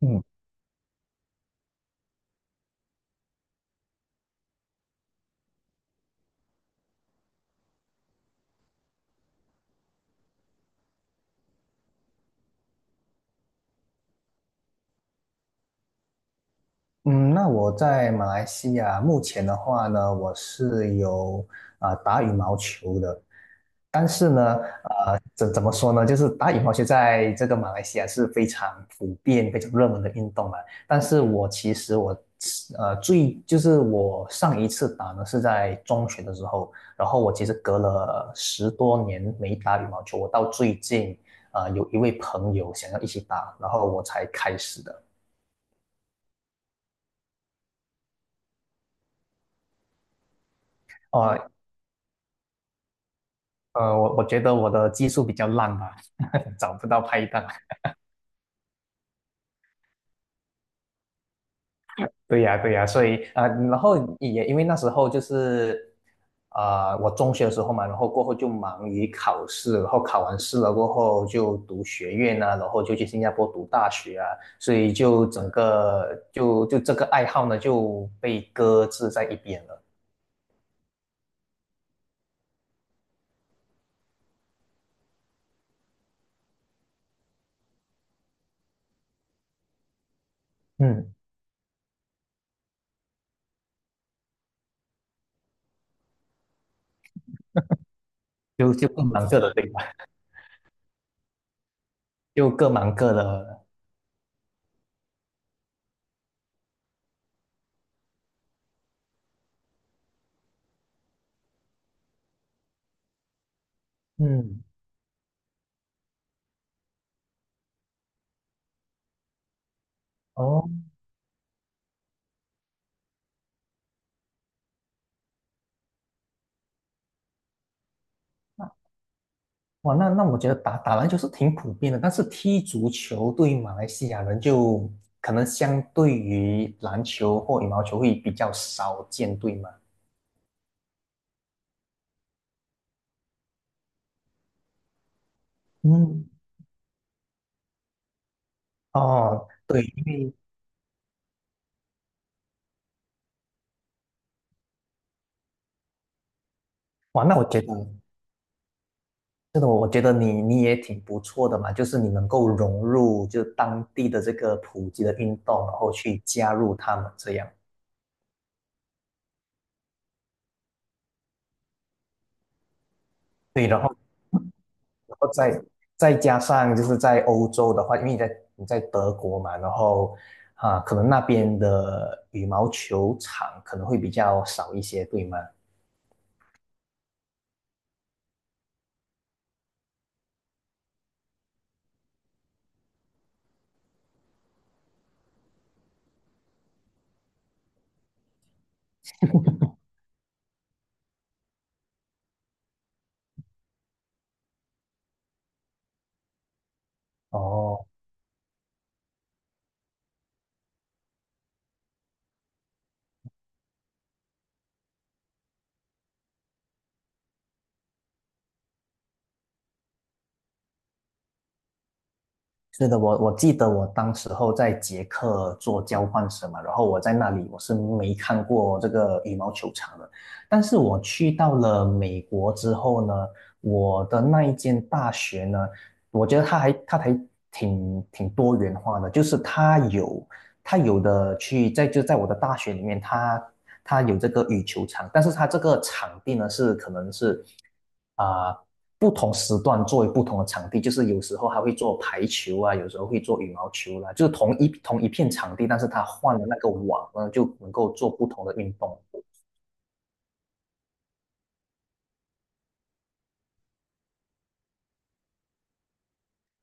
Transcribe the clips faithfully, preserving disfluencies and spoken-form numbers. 嗯嗯，那我在马来西亚目前的话呢，我是有啊、打羽毛球的。但是呢，怎怎么说呢，就是打羽毛球在这个马来西亚是非常普遍、非常热门的运动嘛。但是我其实我呃最就是我上一次打呢是在中学的时候，然后我其实隔了十多年没打羽毛球，我到最近啊呃有一位朋友想要一起打，然后我才开始的。哦，呃，我我觉得我的技术比较烂吧，找不到拍档。对呀，对呀，所以啊、呃然后也因为那时候就是啊，我中学的时候嘛，然后过后就忙于考试，然后考完试了过后就读学院啊，然后就去新加坡读大学啊，所以就整个就就这个爱好呢就被搁置在一边了。嗯，就就各忙各的，对吧？就各忙各的了。嗯。哦。哇，那那我觉得打打篮球是挺普遍的，但是踢足球对于马来西亚人就可能相对于篮球或羽毛球会比较少见，对吗？嗯。哦，对，因为哇，那我觉得真的，我觉得你你也挺不错的嘛，就是你能够融入就当地的这个普及的运动，然后去加入他们这样。对，然后。然后再再加上就是在欧洲的话，因为你在你在德国嘛，然后啊，可能那边的羽毛球场可能会比较少一些，对吗？哦，是的，我我记得我当时候在捷克做交换生嘛，然后我在那里我是没看过这个羽毛球场的，但是我去到了美国之后呢，我的那一间大学呢，我觉得它还它还挺挺多元化的，就是它有它有的去在就在我的大学里面，它它有这个羽球场，但是它这个场地呢是可能是啊、呃不同时段作为不同的场地，就是有时候还会做排球啊，有时候会做羽毛球啦、就是同一同一片场地，但是它换了那个网呢，就能够做不同的运动。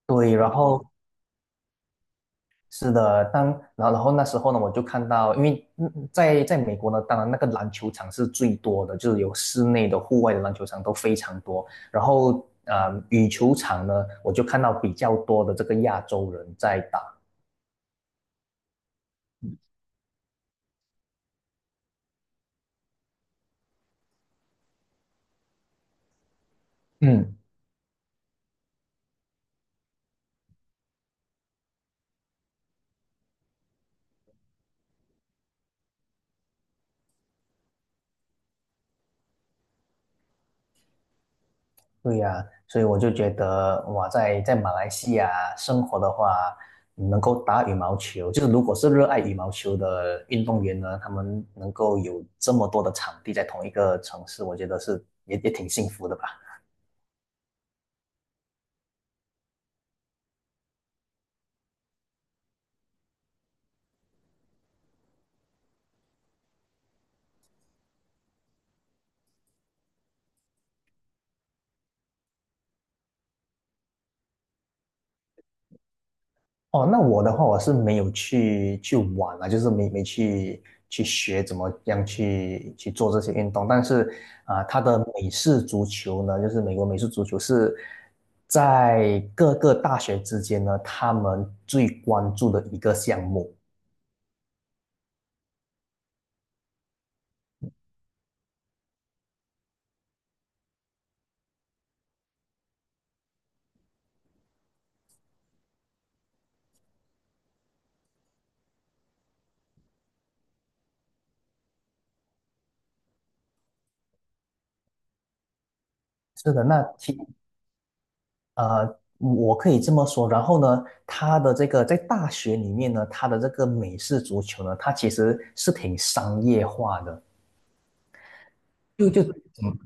对，然后是的，当然后然后那时候呢，我就看到，因为嗯在在美国呢，当然那个篮球场是最多的，就是有室内的、户外的篮球场都非常多。然后呃，羽球场呢，我就看到比较多的这个亚洲人在打。嗯，对呀，所以我就觉得哇，在在马来西亚生活的话，能够打羽毛球，就是如果是热爱羽毛球的运动员呢，他们能够有这么多的场地在同一个城市，我觉得是也也挺幸福的吧。哦，那我的话，我是没有去去玩啊，就是没没去去学怎么样去去做这些运动。但是啊、它的美式足球呢，就是美国美式足球是在各个大学之间呢，他们最关注的一个项目。是的，那其呃，我可以这么说。然后呢，他的这个在大学里面呢，他的这个美式足球呢，它其实是挺商业化的。就就怎么。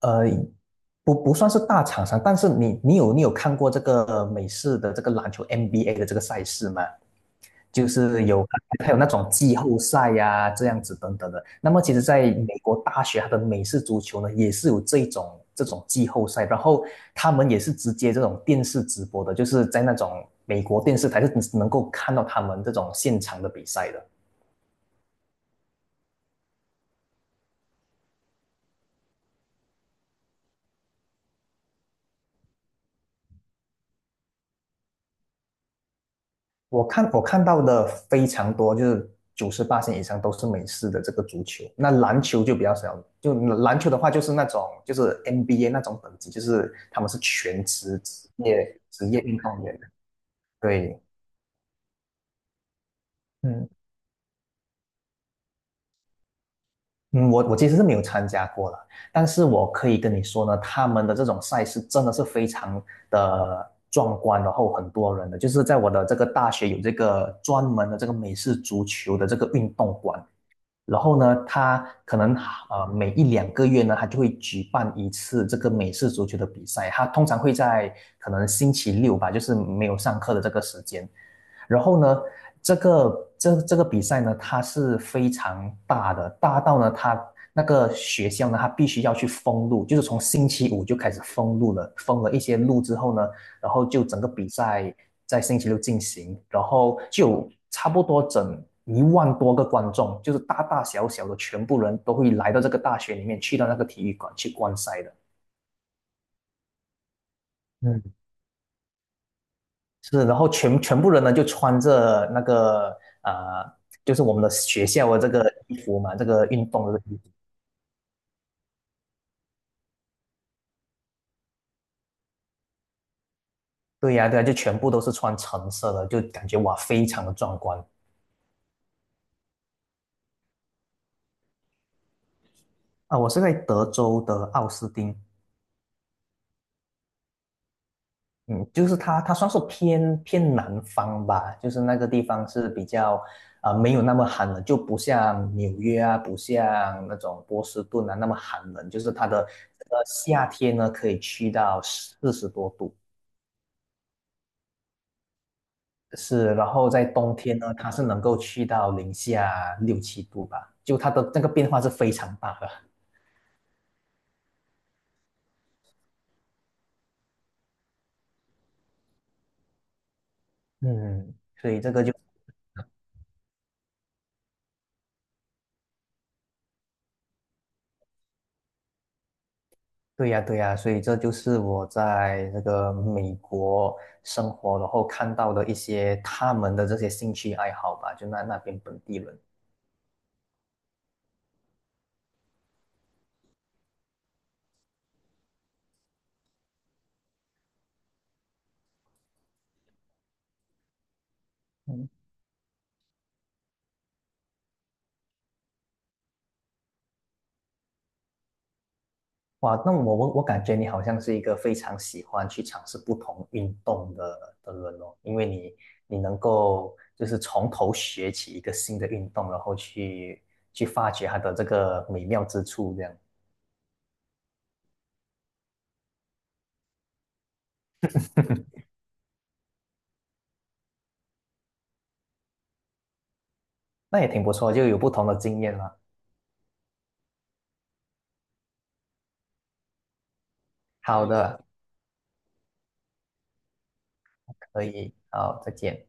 呃，不不算是大厂商，但是你你有你有看过这个美式的这个篮球 N B A 的这个赛事吗？就是有还有那种季后赛呀、这样子等等的。那么其实，在美国大学，它的美式足球呢也是有这种这种季后赛，然后他们也是直接这种电视直播的，就是在那种美国电视台是能够看到他们这种现场的比赛的。我看我看到的非常多，就是九十八线以上都是美式的这个足球，那篮球就比较少。就篮球的话，就是那种就是 N B A 那种等级，就是他们是全职职业职业运动员。对，嗯嗯，我我其实是没有参加过了，但是我可以跟你说呢，他们的这种赛事真的是非常的壮观，然后很多人的，就是在我的这个大学有这个专门的这个美式足球的这个运动馆。然后呢，他可能呃每一两个月呢，他就会举办一次这个美式足球的比赛。他通常会在可能星期六吧，就是没有上课的这个时间。然后呢，这个这这个比赛呢，它是非常大的，大到呢，他那个学校呢，他必须要去封路，就是从星期五就开始封路了，封了一些路之后呢，然后就整个比赛在星期六进行，然后就差不多整一万多个观众，就是大大小小的全部人都会来到这个大学里面，去到那个体育馆去观赛的。嗯，是，然后全全部人呢就穿着那个呃，就是我们的学校的这个衣服嘛，这个运动的这个衣服。对呀，对呀，就全部都是穿橙色的，就感觉哇，非常的壮观啊！我是在德州的奥斯汀。嗯，就是它，它算是偏偏南方吧，就是那个地方是比较啊、呃没有那么寒冷，就不像纽约啊，不像那种波士顿啊那么寒冷，就是它的呃夏天呢可以去到四十多度，是，然后在冬天呢它是能够去到零下六七度吧，就它的那个变化是非常大的。嗯，所以这个就。对呀，对呀，所以这就是我在这个美国生活，然后看到的一些他们的这些兴趣爱好吧，就那那边本地人。嗯，哇，那我我我感觉你好像是一个非常喜欢去尝试不同运动的的人哦，因为你你能够就是从头学起一个新的运动，然后去去发掘它的这个美妙之处，这样那也挺不错，就有不同的经验了。好的，可以，好，再见。